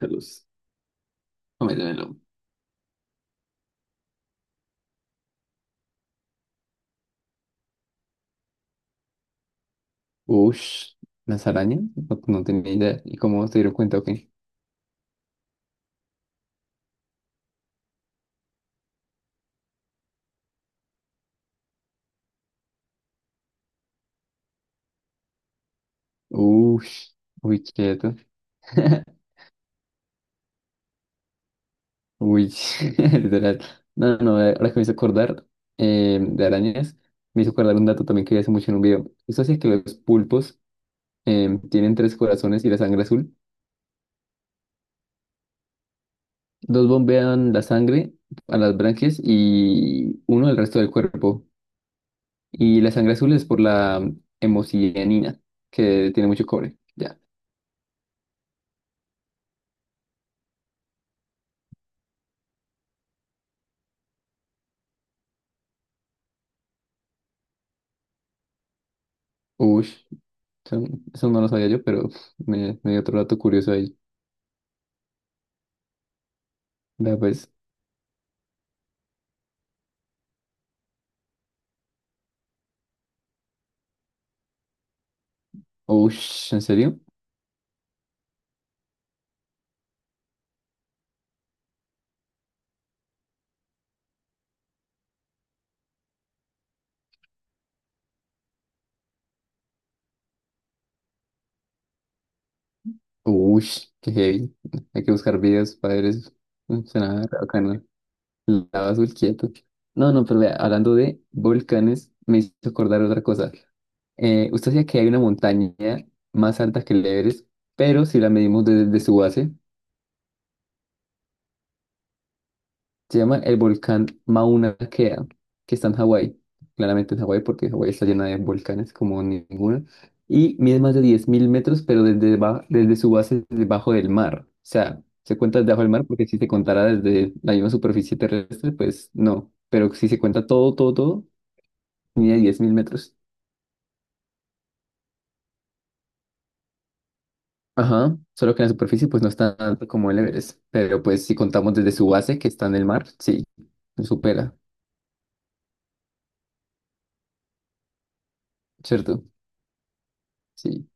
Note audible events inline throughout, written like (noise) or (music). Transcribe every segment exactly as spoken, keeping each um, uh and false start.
Saludos. Cométemelo. Ush, las arañas, no, no tenía idea. ¿Y cómo se dieron cuenta? Ok. Ush, uy, quieto. (laughs) Uy, (laughs) literal. No, no, no, eh, ahora que me hizo acordar eh, de arañas, me hizo acordar un dato también que vi hace mucho en un video. Eso es que los pulpos eh, tienen tres corazones y la sangre azul. Dos bombean la sangre a las branquias y uno al resto del cuerpo. Y la sangre azul es por la hemocianina, que tiene mucho cobre. Ya. Uy, eso, eso no lo sabía yo, pero me, me dio otro dato curioso ahí. Vea pues, uy, ¿en serio? Uy, qué heavy. Hay que buscar videos para ver eso. Suena bacano. Lava azul quieto. No, no, pero vea, hablando de volcanes, me hizo acordar otra cosa. Eh, usted decía que hay una montaña más alta que el Everest, pero si la medimos desde su base. Se llama el volcán Mauna Kea, que está en Hawái. Claramente en Hawái, porque Hawái está llena de volcanes como ninguna. Y mide más de diez mil metros, pero desde, ba- desde su base, debajo del mar. O sea, se cuenta debajo del mar, porque si se contara desde la misma superficie terrestre, pues no. Pero si se cuenta todo, todo, todo, mide diez mil metros. Ajá, solo que en la superficie pues no está tanto como el Everest, pero pues si contamos desde su base que está en el mar, sí, lo supera, ¿cierto? Sí,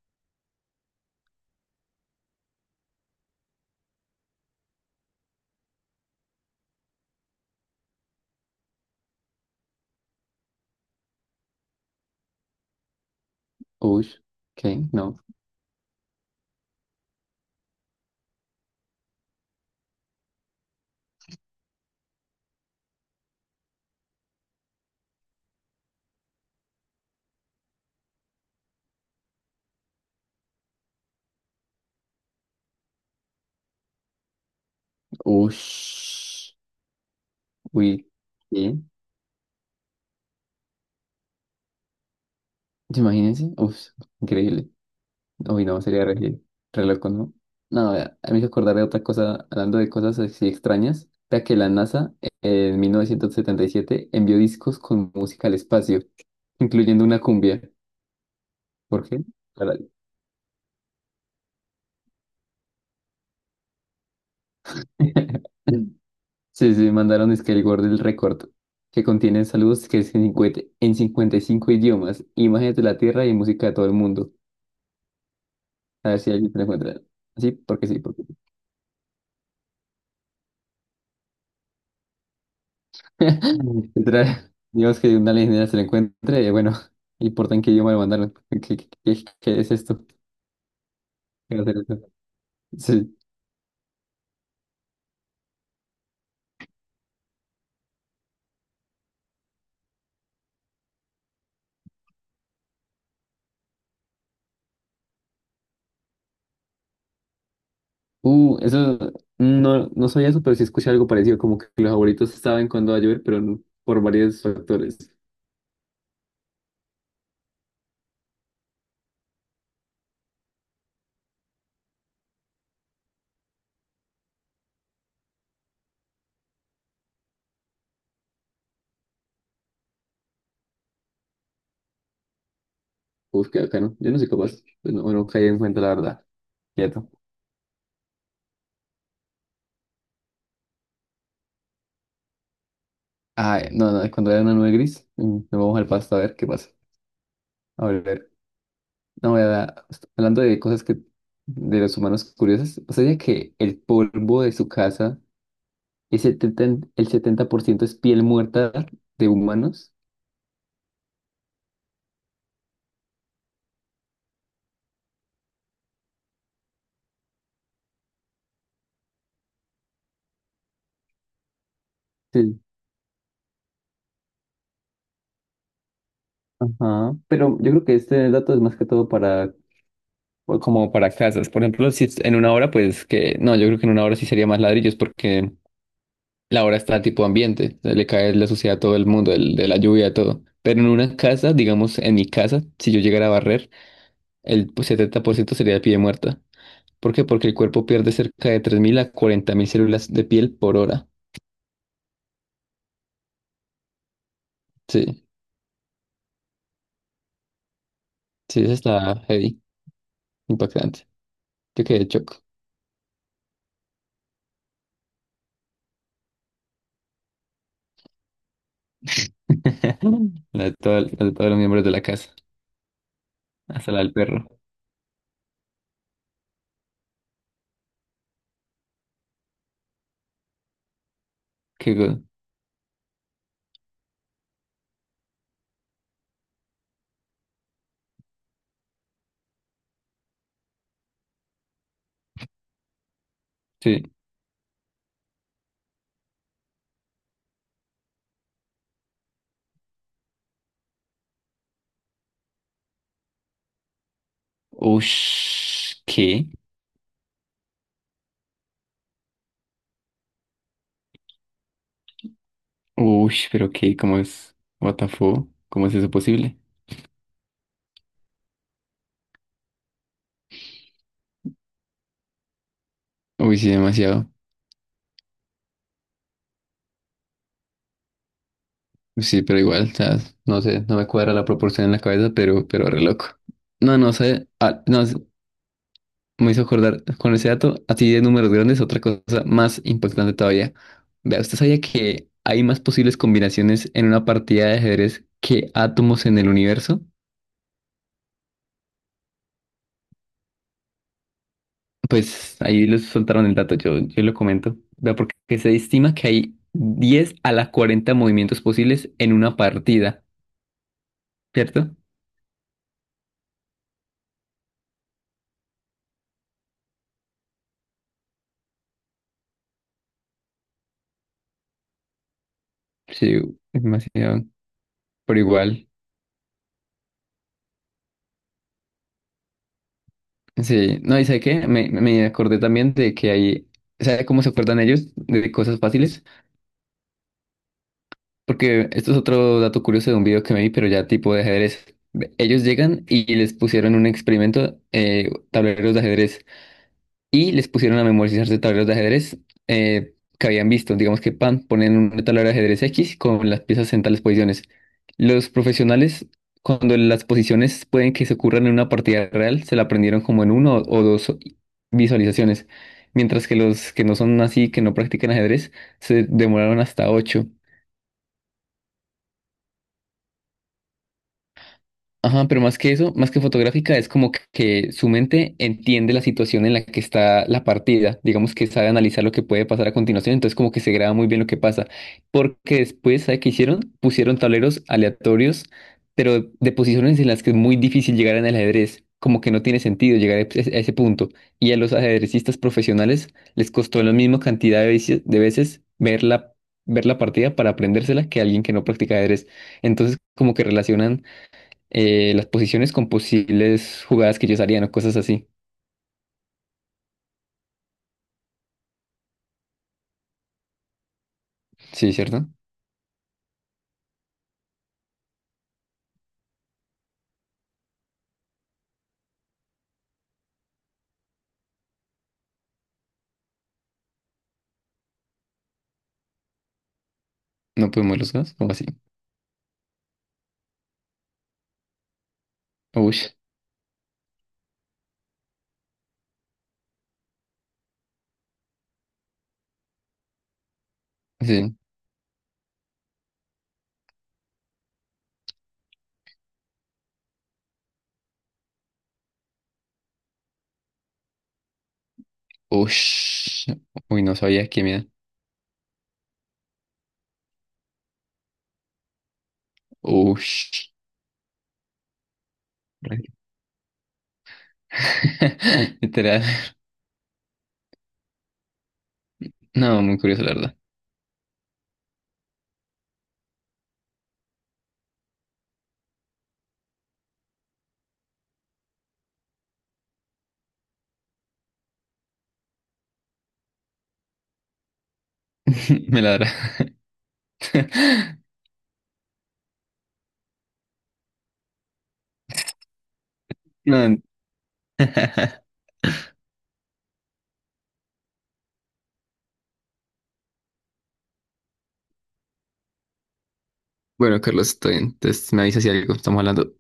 uy, ok, no. Ush, uy, ¿qué? Imagínense, uff, increíble. Uy, no, sería re, re loco, ¿no? No, vea, a mí me hizo acordar de otra cosa, hablando de cosas así extrañas. Vea que la NASA eh, en mil novecientos setenta y siete envió discos con música al espacio, incluyendo una cumbia. ¿Por qué? Para- (laughs) Sí, sí, mandaron es que el gordo del récord, que contiene saludos que es en cincuenta en cincuenta y cinco idiomas, imágenes de la Tierra y música de todo el mundo. A ver si alguien se la encuentra. Sí, porque sí, porque sí. (laughs) Literal, digamos que una alienígena se la encuentre, eh, bueno, (laughs) importa en qué idioma lo mandaron. (laughs) ¿Qué, qué, qué- qué es esto? ¿Qué va a ser esto? Sí. Uh, eso, no, no sabía eso, pero sí escuché algo parecido, como que los abuelitos saben cuándo va a llover, pero no- por varios factores. Uf, qué bacano. Yo no soy capaz, pues no, no caí en cuenta, la verdad. Quieto. Ah, eh, no, no, cuando era una nube gris, mm, nos vamos al pasto a ver qué pasa. A ver. No, la verdad, hablando de cosas que de los humanos curiosas, o sea, que el polvo de su casa, el setenta, en- el setenta por ciento es piel muerta de humanos. Sí. Ajá. Pero yo creo que este dato es más que todo para, o como para casas. Por ejemplo, si es en una hora, pues que, no, yo creo que en una hora sí sería más ladrillos porque la hora está tipo ambiente, o sea, le cae la suciedad a todo el mundo, el- de la lluvia, todo. Pero en una casa, digamos, en mi casa, si yo llegara a barrer, el pues, setenta por ciento sería de piel muerta. ¿Por qué? Porque el cuerpo pierde cerca de tres mil a cuarenta mil células de piel por hora. Sí, sí, eso está heavy, impactante. Yo quedé choco. (laughs) La de todo- la de todos los miembros de la casa, hasta la del perro. Qué go- Sí. Ush, ¿qué? Ush, pero qué, ¿cómo es? What the fuck? ¿Cómo es eso posible? Uy, sí, demasiado. Sí, pero igual, o sea, no sé, no me cuadra la proporción en la cabeza, pero, pero re loco. No, no sé, ah, no, me hizo acordar con ese dato, así de números grandes, otra cosa más impactante todavía. Vea, ¿usted sabía que hay más posibles combinaciones en una partida de ajedrez que átomos en el universo? Pues ahí les soltaron el dato, yo, yo lo comento. Vea, porque se estima que hay diez a la cuarenta movimientos posibles en una partida, ¿cierto? Sí, es demasiado, pero igual. Sí, no, ¿y sabe qué? Me, me acordé también de que hay, ¿sabe cómo se acuerdan ellos de cosas fáciles? Porque esto es otro dato curioso de un video que me vi, pero ya tipo de ajedrez. Ellos llegan y les pusieron un experimento, eh, tableros de ajedrez, y les pusieron a memorizarse tableros de ajedrez eh, que habían visto. Digamos que pan, ponen un tablero de ajedrez X con las piezas en tales posiciones. Los profesionales, cuando las posiciones pueden que se ocurran en una partida real, se la aprendieron como en uno o dos visualizaciones. Mientras que los que no son así, que no practican ajedrez, se demoraron hasta ocho. Ajá, pero más que eso, más que fotográfica, es como que que su mente entiende la situación en la que está la partida, digamos que sabe analizar lo que puede pasar a continuación, entonces como que se graba muy bien lo que pasa, porque después, ¿sabe qué hicieron? Pusieron tableros aleatorios, pero de posiciones en las que es muy difícil llegar en el ajedrez, como que no tiene sentido llegar a ese a ese punto, y a los ajedrecistas profesionales les costó la misma cantidad de veces, de veces ver la, ver la partida para aprendérsela que a alguien que no practica ajedrez, entonces como que relacionan eh, las posiciones con posibles jugadas que ellos harían o cosas así. Sí, ¿cierto? No podemos los dos, como así. Ush, sí. Ush. Uy, no sabía qué miedo. Ush. Re- (laughs) Literal. No, muy curioso, la verdad. (laughs) Me ladra. (laughs) No. (laughs) Bueno, Carlos, estoy bien. Entonces me avisas si algo estamos hablando.